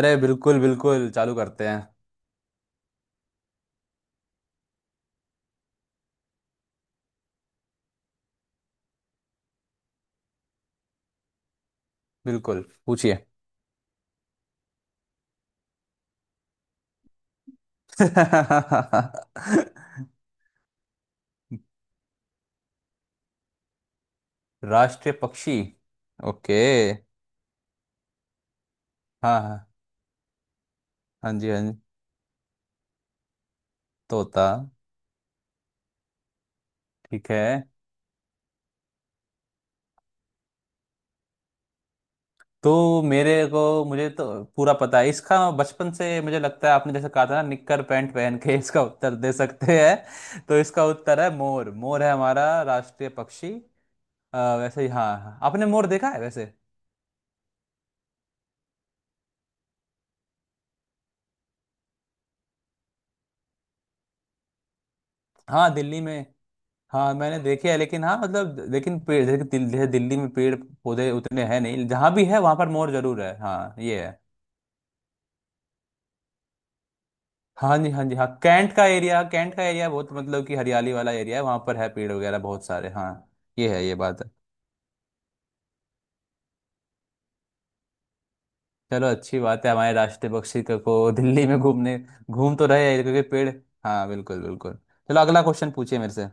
अरे बिल्कुल बिल्कुल चालू करते हैं। बिल्कुल, पूछिए। राष्ट्रीय पक्षी। ओके। हाँ हाँ। हाँ जी, हाँ जी। तोता। ठीक है। तो मेरे को मुझे तो पूरा पता है इसका बचपन से। मुझे लगता है आपने जैसे कहा था ना, निक्कर पैंट पहन के इसका उत्तर दे सकते हैं। तो इसका उत्तर है मोर। मोर है हमारा राष्ट्रीय पक्षी। वैसे ही, हाँ हाँ। आपने मोर देखा है वैसे? हाँ, दिल्ली में। हाँ मैंने देखे है, लेकिन हाँ मतलब लेकिन पेड़ जैसे कि जैसे दिल्ली में पेड़ पौधे उतने हैं नहीं। जहाँ भी है वहाँ पर मोर जरूर है, हाँ ये है। हाँ जी, हाँ जी, हाँ। कैंट का एरिया, कैंट का एरिया बहुत मतलब कि हरियाली वाला एरिया है। वहाँ पर है पेड़ वगैरह बहुत सारे, हाँ। ये है, ये बात है। चलो, अच्छी बात है, हमारे राष्ट्रीय पक्षी को दिल्ली में घूमने, घूम तो रहे हैं क्योंकि पेड़। हाँ बिल्कुल बिल्कुल। चलो, अगला क्वेश्चन पूछिए मेरे से।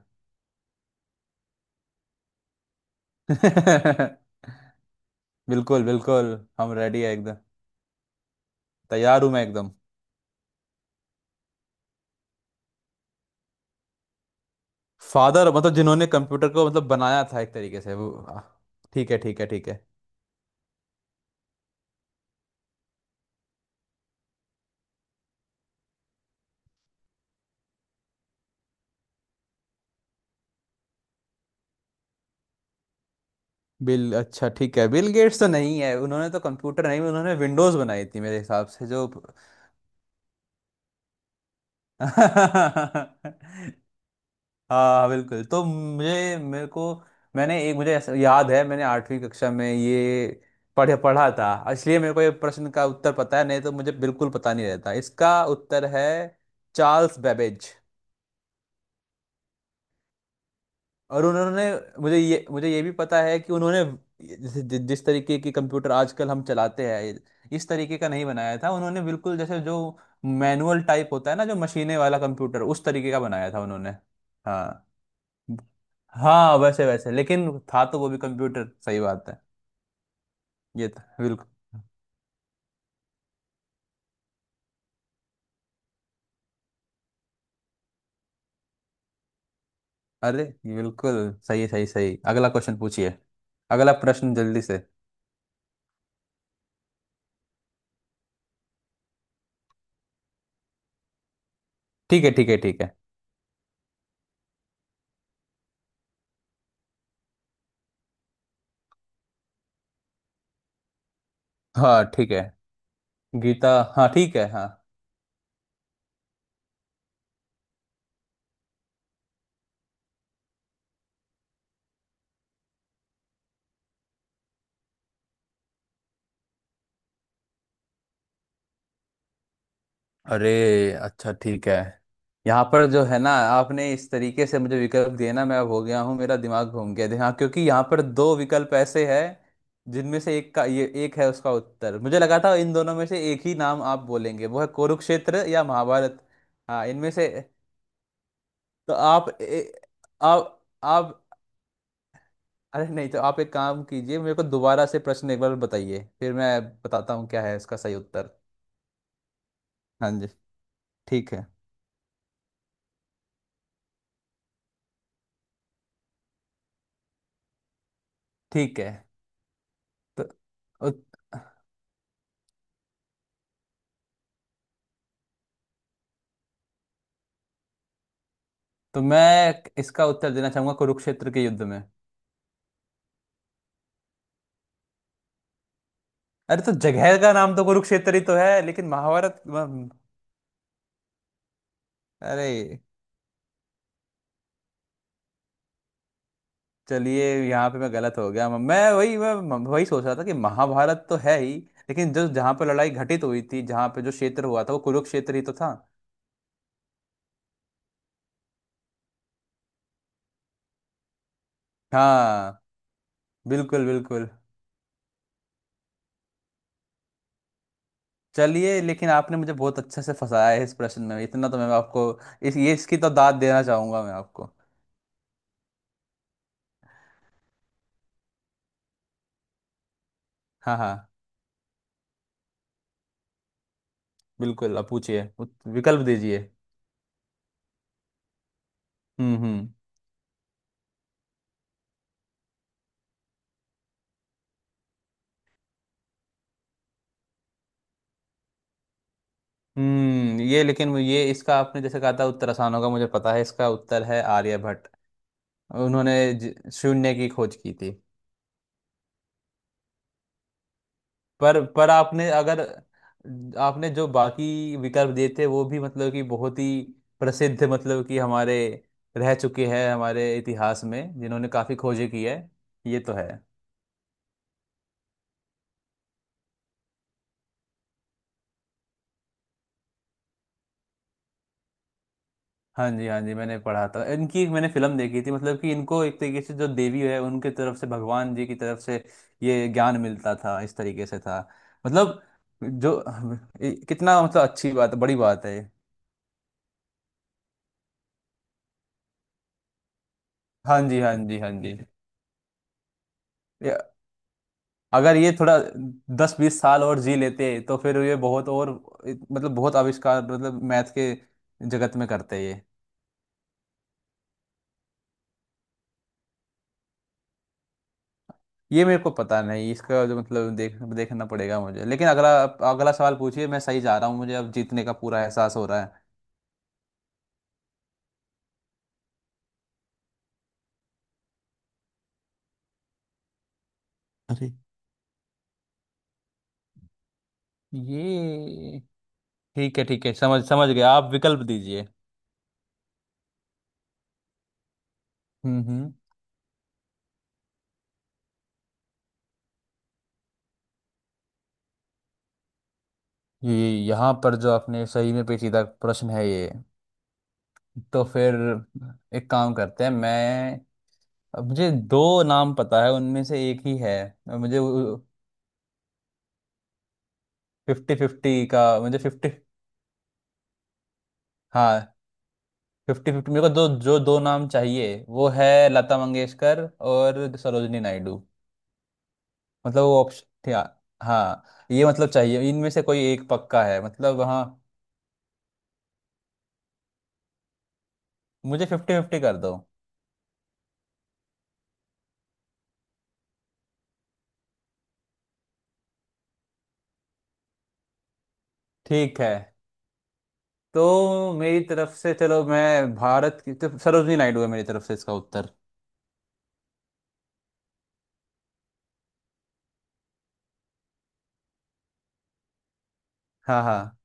बिल्कुल बिल्कुल। हम रेडी है एकदम। तैयार हूँ मैं एकदम। फादर मतलब जिन्होंने कंप्यूटर को मतलब बनाया था एक तरीके से, वो ठीक है ठीक है ठीक है। बिल, अच्छा ठीक है, बिल गेट्स तो नहीं है। उन्होंने तो कंप्यूटर नहीं, उन्होंने विंडोज बनाई थी मेरे हिसाब से, जो हाँ बिल्कुल। तो मुझे मेरे को, मैंने एक मुझे ऐसा याद है, मैंने 8वीं कक्षा में ये पढ़े पढ़ा था, इसलिए मेरे को ये प्रश्न का उत्तर पता है। नहीं तो मुझे बिल्कुल पता नहीं रहता। इसका उत्तर है चार्ल्स बेबेज। और उन्होंने, मुझे ये भी पता है कि उन्होंने जैसे जिस तरीके की कंप्यूटर आजकल हम चलाते हैं, इस तरीके का नहीं बनाया था उन्होंने। बिल्कुल जैसे जो मैनुअल टाइप होता है ना, जो मशीने वाला कंप्यूटर, उस तरीके का बनाया था उन्होंने। हाँ हाँ, वैसे वैसे, लेकिन था तो वो भी कंप्यूटर, सही बात है। ये था बिल्कुल। अरे बिल्कुल, सही सही सही। अगला क्वेश्चन पूछिए। अगला प्रश्न जल्दी से। ठीक है ठीक है ठीक है। हाँ ठीक है। गीता, हाँ ठीक है, हाँ। अरे, अच्छा ठीक है। यहाँ पर जो है ना, आपने इस तरीके से मुझे विकल्प दिए ना, मैं अब हो गया हूँ, मेरा दिमाग घूम गया हाँ, क्योंकि यहाँ पर दो विकल्प ऐसे हैं जिनमें से एक का ये एक है उसका उत्तर। मुझे लगा था इन दोनों में से एक ही नाम आप बोलेंगे, वो है कुरुक्षेत्र या महाभारत। हाँ, इनमें से तो आप आप अरे नहीं, तो आप एक काम कीजिए, मेरे को दोबारा से प्रश्न एक बार बताइए, फिर मैं बताता हूँ क्या है इसका सही उत्तर। हाँ जी। ठीक है ठीक है। तो उत- तो मैं इसका उत्तर देना चाहूंगा कुरुक्षेत्र के युद्ध में। अरे तो जगह का नाम तो कुरुक्षेत्र ही तो है, लेकिन महाभारत अरे, चलिए यहाँ पे मैं गलत हो गया। मैं वही सोच रहा था कि महाभारत तो है ही, लेकिन जो जहाँ पे लड़ाई घटित हुई थी, जहाँ पे जो क्षेत्र हुआ था, वो कुरुक्षेत्र ही तो था। हाँ बिल्कुल बिल्कुल। चलिए, लेकिन आपने मुझे बहुत अच्छे से फंसाया है इस प्रश्न में, इतना तो मैं आपको, इस ये इसकी तो दाद देना चाहूंगा मैं आपको। हाँ हाँ बिल्कुल। आप पूछिए, विकल्प दीजिए। हम्म। हम्म, ये लेकिन ये इसका आपने जैसे कहा था उत्तर आसान होगा, मुझे पता है। इसका उत्तर है आर्यभट्ट। उन्होंने शून्य की खोज की थी। पर आपने, अगर आपने जो बाकी विकल्प दिए थे, वो भी मतलब कि बहुत ही प्रसिद्ध मतलब कि हमारे रह चुके हैं हमारे इतिहास में, जिन्होंने काफी खोजें की है। ये तो है। हाँ जी, हाँ जी। मैंने पढ़ा था इनकी, एक मैंने फिल्म देखी थी मतलब कि इनको एक तरीके से जो देवी है, उनके तरफ से, भगवान जी की तरफ से ये ज्ञान मिलता था, इस तरीके से था। मतलब जो, ये कितना मतलब अच्छी बात, बड़ी बात है ये। हाँ जी, हाँ जी, हाँ जी। ये, अगर ये थोड़ा 10-20 साल और जी लेते, तो फिर ये बहुत और मतलब बहुत आविष्कार मतलब मैथ के जगत में करते ये। ये मेरे को पता नहीं, इसका जो मतलब देखना पड़ेगा मुझे। लेकिन अगला, अगला सवाल पूछिए। मैं सही जा रहा हूँ, मुझे अब जीतने का पूरा एहसास हो रहा है। अरे ये ठीक है ठीक है। समझ समझ गया, आप विकल्प दीजिए। हम्म। ये यहाँ पर जो, आपने सही में पेचीदा प्रश्न है ये। तो फिर एक काम करते हैं मैं, अब मुझे दो नाम पता है उनमें से एक ही है। और मुझे फिफ्टी फिफ्टी का, मुझे फिफ्टी, हाँ फिफ्टी फिफ्टी। मेरे को दो, जो दो नाम चाहिए वो है लता मंगेशकर और सरोजनी नायडू, मतलब वो ऑप्शन था। हाँ, ये मतलब चाहिए, इनमें से कोई एक पक्का है मतलब, हाँ। मुझे फिफ्टी फिफ्टी कर दो। ठीक है। तो मेरी तरफ से, चलो मैं भारत की, तो सरोजनी नायडू है मेरी तरफ से इसका उत्तर। हाँ हाँ।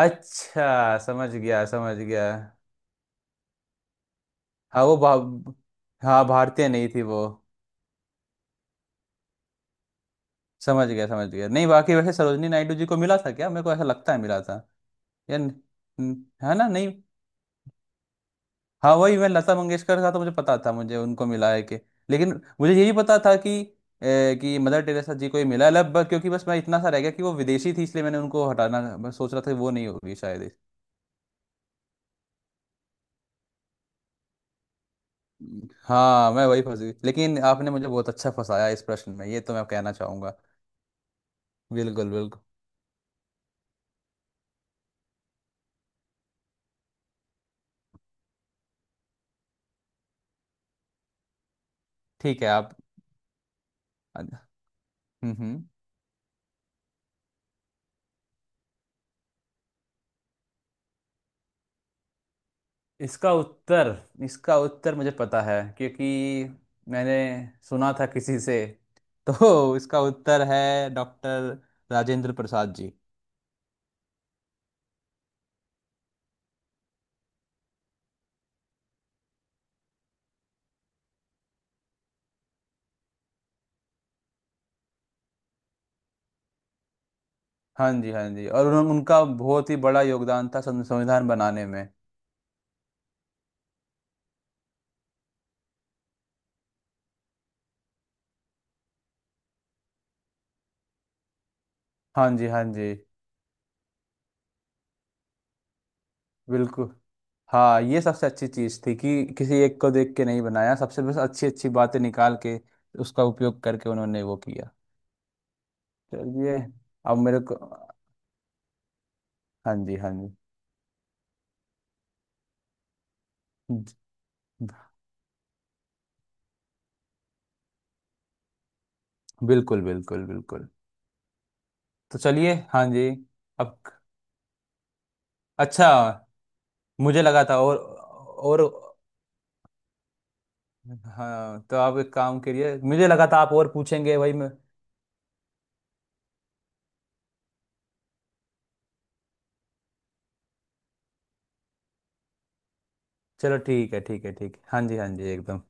अच्छा, समझ गया, समझ गया। हाँ वो हाँ भारतीय नहीं थी वो। समझ गया, समझ गया। नहीं बाकी वैसे सरोजनी नायडू जी को मिला था क्या? मेरे को ऐसा लगता है मिला था। यार है ना, नहीं। हाँ, वही मैं, लता मंगेशकर का तो मुझे पता था, मुझे उनको मिला है कि। लेकिन मुझे ये भी पता था कि कि मदर टेरेसा जी को ही मिला है क्योंकि बस मैं इतना सा रह गया कि वो विदेशी थी, इसलिए मैंने उनको हटाना मैं सोच रहा था कि वो नहीं होगी शायद। हाँ मैं वही फंस गई, लेकिन आपने मुझे बहुत अच्छा फंसाया इस प्रश्न में, ये तो मैं कहना चाहूंगा। बिल्कुल बिल्कुल। ठीक है। आप, हम्म हम्म। इसका उत्तर इसका उत्तर मुझे पता है, क्योंकि मैंने सुना था किसी से। तो इसका उत्तर है डॉक्टर राजेंद्र प्रसाद जी। हाँ जी, हाँ जी। और उनका बहुत ही बड़ा योगदान था संविधान बनाने में। हाँ जी, हाँ जी, बिल्कुल। हाँ, ये सबसे अच्छी चीज़ थी कि किसी एक को देख के नहीं बनाया, सबसे बस अच्छी अच्छी बातें निकाल के उसका उपयोग करके उन्होंने वो किया। चलिए, अब मेरे को, हाँ जी हाँ जी, बिल्कुल बिल्कुल बिल्कुल। तो चलिए, हाँ जी। अब, अच्छा मुझे लगा था और हाँ तो आप एक काम करिए, मुझे लगा था आप और पूछेंगे, वही मैं। चलो ठीक है ठीक है ठीक है। हाँ जी हाँ जी एकदम।